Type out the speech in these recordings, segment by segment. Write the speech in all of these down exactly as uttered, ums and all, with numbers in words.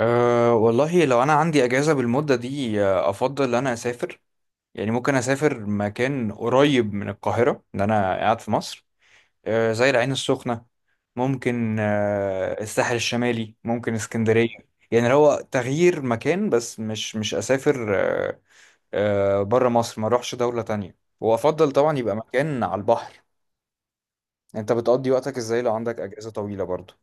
أه والله لو أنا عندي أجازة بالمدة دي آه، أفضل إن أنا أسافر. يعني ممكن أسافر مكان قريب من القاهرة إن أنا قاعد في مصر، أه زي العين السخنة. ممكن أه الساحل الشمالي، ممكن اسكندرية. يعني لو هو تغيير مكان، بس مش مش أسافر أه أه بره مصر، ما أروحش دولة تانية، وأفضل طبعا يبقى مكان على البحر. أنت بتقضي وقتك إزاي لو عندك أجازة طويلة برضو؟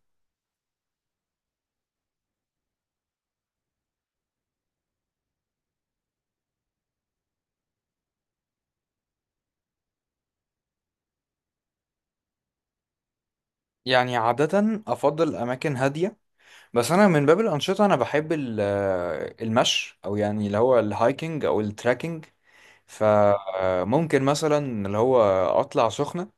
يعني عادة أفضل أماكن هادية. بس انا من باب الانشطه انا بحب ال- آه، المشي، او يعني اللي هو الهايكنج او التراكنج. فممكن مثلا اللي هو اطلع سخنه،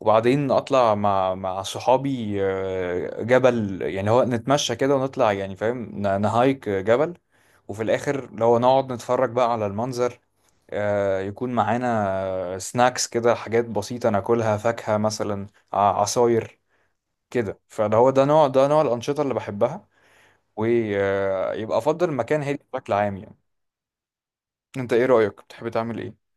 وبعدين اطلع مع مع صحابي آه، جبل، يعني هو نتمشى كده ونطلع، يعني فاهم، ن- نهايك جبل. وفي الاخر اللي هو نقعد نتفرج بقى على المنظر. آه، يكون معانا سناكس كده، حاجات بسيطة ناكلها، فاكهة مثلا، ع- عصاير كده. فده هو ده نوع ده نوع الأنشطة اللي بحبها. ويبقى افضل المكان هادي بشكل عام يعني. انت ايه رأيك، بتحب تعمل ايه؟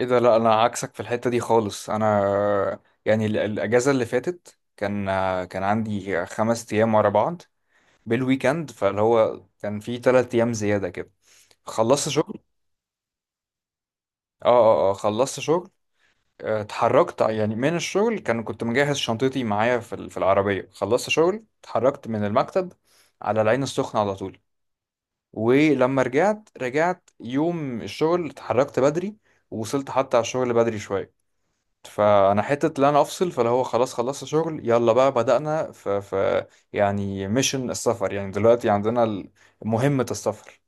ايه ده، لا انا عكسك في الحتة دي خالص. انا يعني ال- الاجازة اللي فاتت، كان كان عندي خمس ايام ورا بعض بالويكند، فاللي هو كان في تلات ايام زيادة كده. خلصت شغل. اه اه اه، خلصت شغل. آه، اتحركت يعني من الشغل، كان كنت مجهز شنطتي معايا في ال- في العربية. خلصت شغل، اتحركت من المكتب على العين السخنة على طول. ولما رجعت، رجعت يوم الشغل، اتحركت بدري ووصلت حتى على الشغل بدري شوية. فانا حتة اللي انا افصل فاللي هو خلاص خلصت شغل، يلا بقى بدأنا ف, ف يعني ميشن السفر. يعني دلوقتي عندنا ال- مهمة السفر.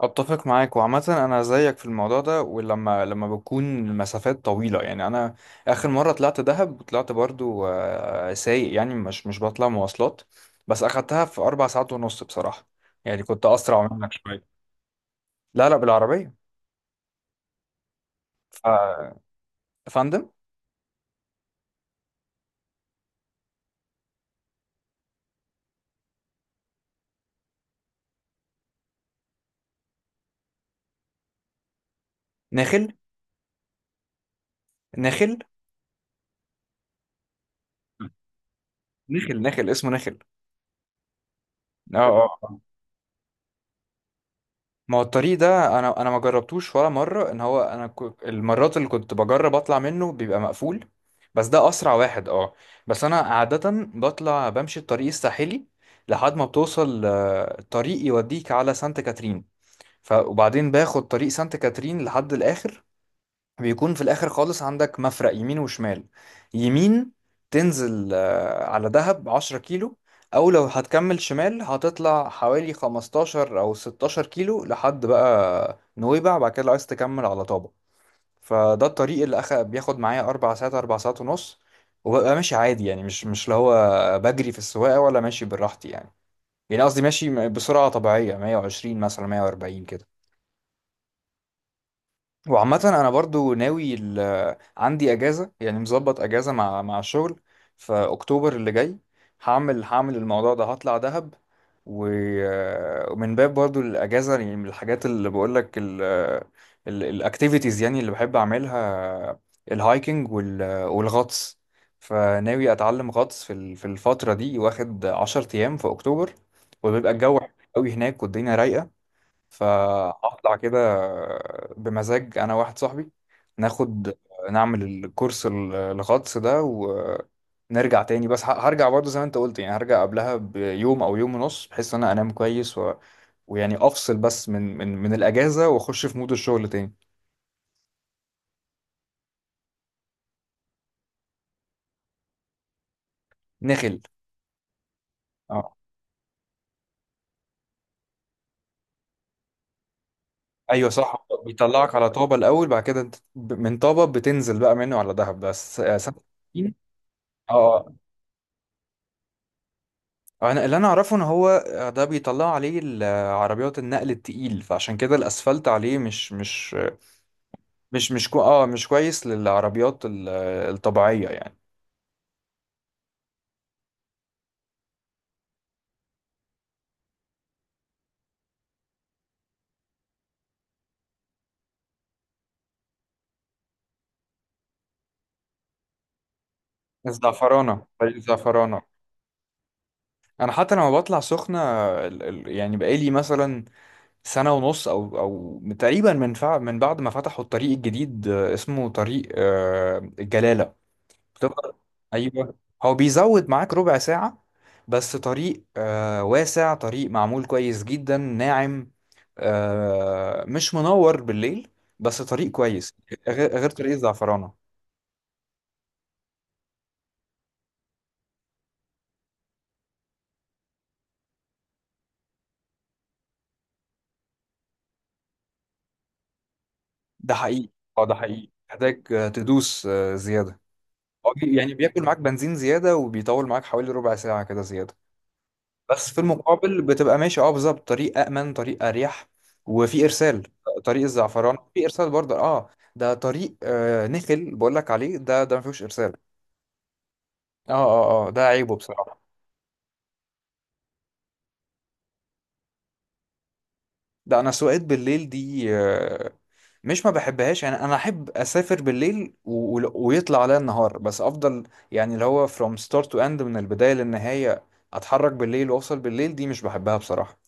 اتفق معاك، وعامة انا زيك في الموضوع ده. ولما لما بتكون مسافات طويلة، يعني انا اخر مرة طلعت دهب، وطلعت برضو آه، سايق، يعني مش مش بطلع مواصلات. بس اخدتها في اربع ساعات ونص بصراحة. يعني كنت اسرع منك شوية. لا لا، بالعربية. ف... فندم. نخل. نخل نخل نخل اسمه نخل. اه اه آه. ما هو الطريق ده، انا انا ما جربتوش ولا مرة. ان هو انا ك... المرات اللي كنت بجرب اطلع منه بيبقى مقفول، بس ده اسرع واحد اه. بس انا عادة بطلع بمشي الطريق الساحلي لحد ما بتوصل آه، الطريق يوديك على سانت كاترين. ف... وبعدين باخد طريق سانت كاترين لحد الاخر. بيكون في الاخر خالص عندك مفرق يمين وشمال. يمين تنزل آه، على دهب 10 كيلو، او لو هتكمل شمال هتطلع حوالي خمستاشر او 16 كيلو لحد بقى نويبع، بعد كده لو عايز تكمل على طابة. فده الطريق اللي أخ... بياخد معايا اربع ساعات، اربع ساعات ونص. وببقى ماشي عادي يعني، مش مش اللي هو بجري في السواقة، ولا ماشي براحتي يعني. يعني قصدي ماشي بسرعة طبيعية، مية وعشرين مثلا، مية واربعين كده. وعامة أنا برضو ناوي ال... عندي أجازة يعني، مظبط أجازة مع مع الشغل في أكتوبر اللي جاي. هعمل هعمل الموضوع ده، هطلع دهب. و... ومن باب برضو الأجازة، يعني من الحاجات اللي بقولك ال... ال... الأكتيفيتيز يعني اللي بحب أعملها، الهايكنج وال... والغطس. فناوي أتعلم غطس في ال... في الفترة دي، واخد عشر أيام في أكتوبر. وبيبقى الجو حلو أوي هناك، والدنيا رايقة. فهطلع كده بمزاج، انا واحد صاحبي، ناخد نعمل الكورس ال- الغطس ده، ونرجع تاني. بس ه- هرجع برضه زي ما انت قلت، يعني هرجع قبلها بيوم او يوم ونص، بحيث ان انا انام كويس و... ويعني افصل بس من من من الاجازه، واخش في مود الشغل تاني. نخل، اه. ايوه صح، بيطلعك على طابه الاول، بعد كده انت ب- من طابه بتنزل بقى منه على دهب. بس آه، سانت كاترين. اه آه. آه، انا اللي انا اعرفه ان هو آه، ده بيطلع عليه ال- آه، عربيات النقل التقيل، فعشان كده الاسفلت عليه مش مش مش مش كو اه مش كويس للعربيات ال- الطبيعيه يعني. الزعفرانه، طريق الزعفرانه. انا حتى لما بطلع سخنه، ال- ال- يعني بقالي مثلا سنه ونص او او تقريبا، من فع من بعد ما فتحوا الطريق الجديد، آه، اسمه طريق آه، الجلاله، بتفضل. ايوه، هو بيزود معاك ربع ساعة، بس طريق آه واسع، طريق معمول كويس جدا، ناعم. آه مش منور بالليل، بس طريق كويس، غير غير طريق الزعفرانة. ده حقيقي. اه ده حقيقي، محتاج آه، تدوس آه زيادة. هو بي- يعني بياكل معاك بنزين زيادة، وبيطول معاك حوالي ربع ساعة كده زيادة. بس في المقابل بتبقى ماشي اه بالظبط، طريق أأمن، طريق أريح. وفي إرسال. طريق الزعفران في إرسال برضه، اه. ده طريق آه نخل بقول لك عليه، ده ده ما فيهوش إرسال. اه اه اه، آه، ده عيبه بصراحة. ده أنا سواقات بالليل دي آه مش ما بحبهاش يعني. أنا أحب أسافر بالليل و... و- ويطلع عليا النهار بس، أفضل. يعني اللي هو from start to end، من البداية للنهاية، أتحرك بالليل وأوصل بالليل، دي مش بحبها بصراحة.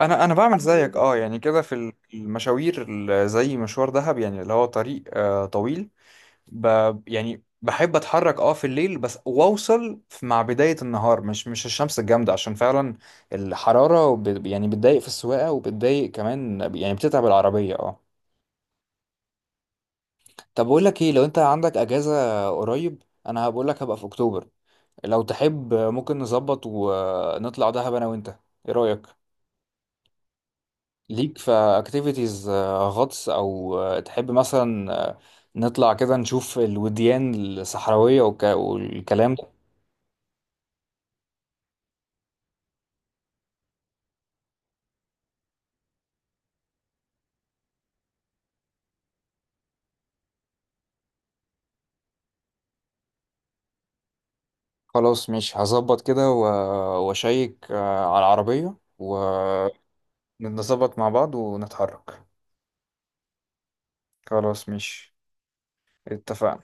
انا انا بعمل زيك اه يعني، كده في ال- المشاوير، ال- زي مشوار دهب، يعني اللي هو طريق آه طويل. ب يعني بحب اتحرك اه في الليل بس، واوصل في- مع بداية النهار، مش مش الشمس الجامدة، عشان فعلا الحرارة وب- يعني بتضايق في السواقة، وبتضايق كمان يعني بتتعب العربية اه طب بقول لك ايه، لو انت عندك اجازة قريب، انا هبقول لك هبقى في اكتوبر، لو تحب ممكن نظبط ونطلع دهب انا وانت، ايه رأيك؟ ليك في اكتيفيتيز غطس، او آه، تحب مثلا آه، نطلع كده نشوف الوديان الصحراوية والك- والكلام ده. خلاص، مش هظبط كده و- واشيك آه، على العربية، ونظبط مع بعض ونتحرك. خلاص مش اتفقنا.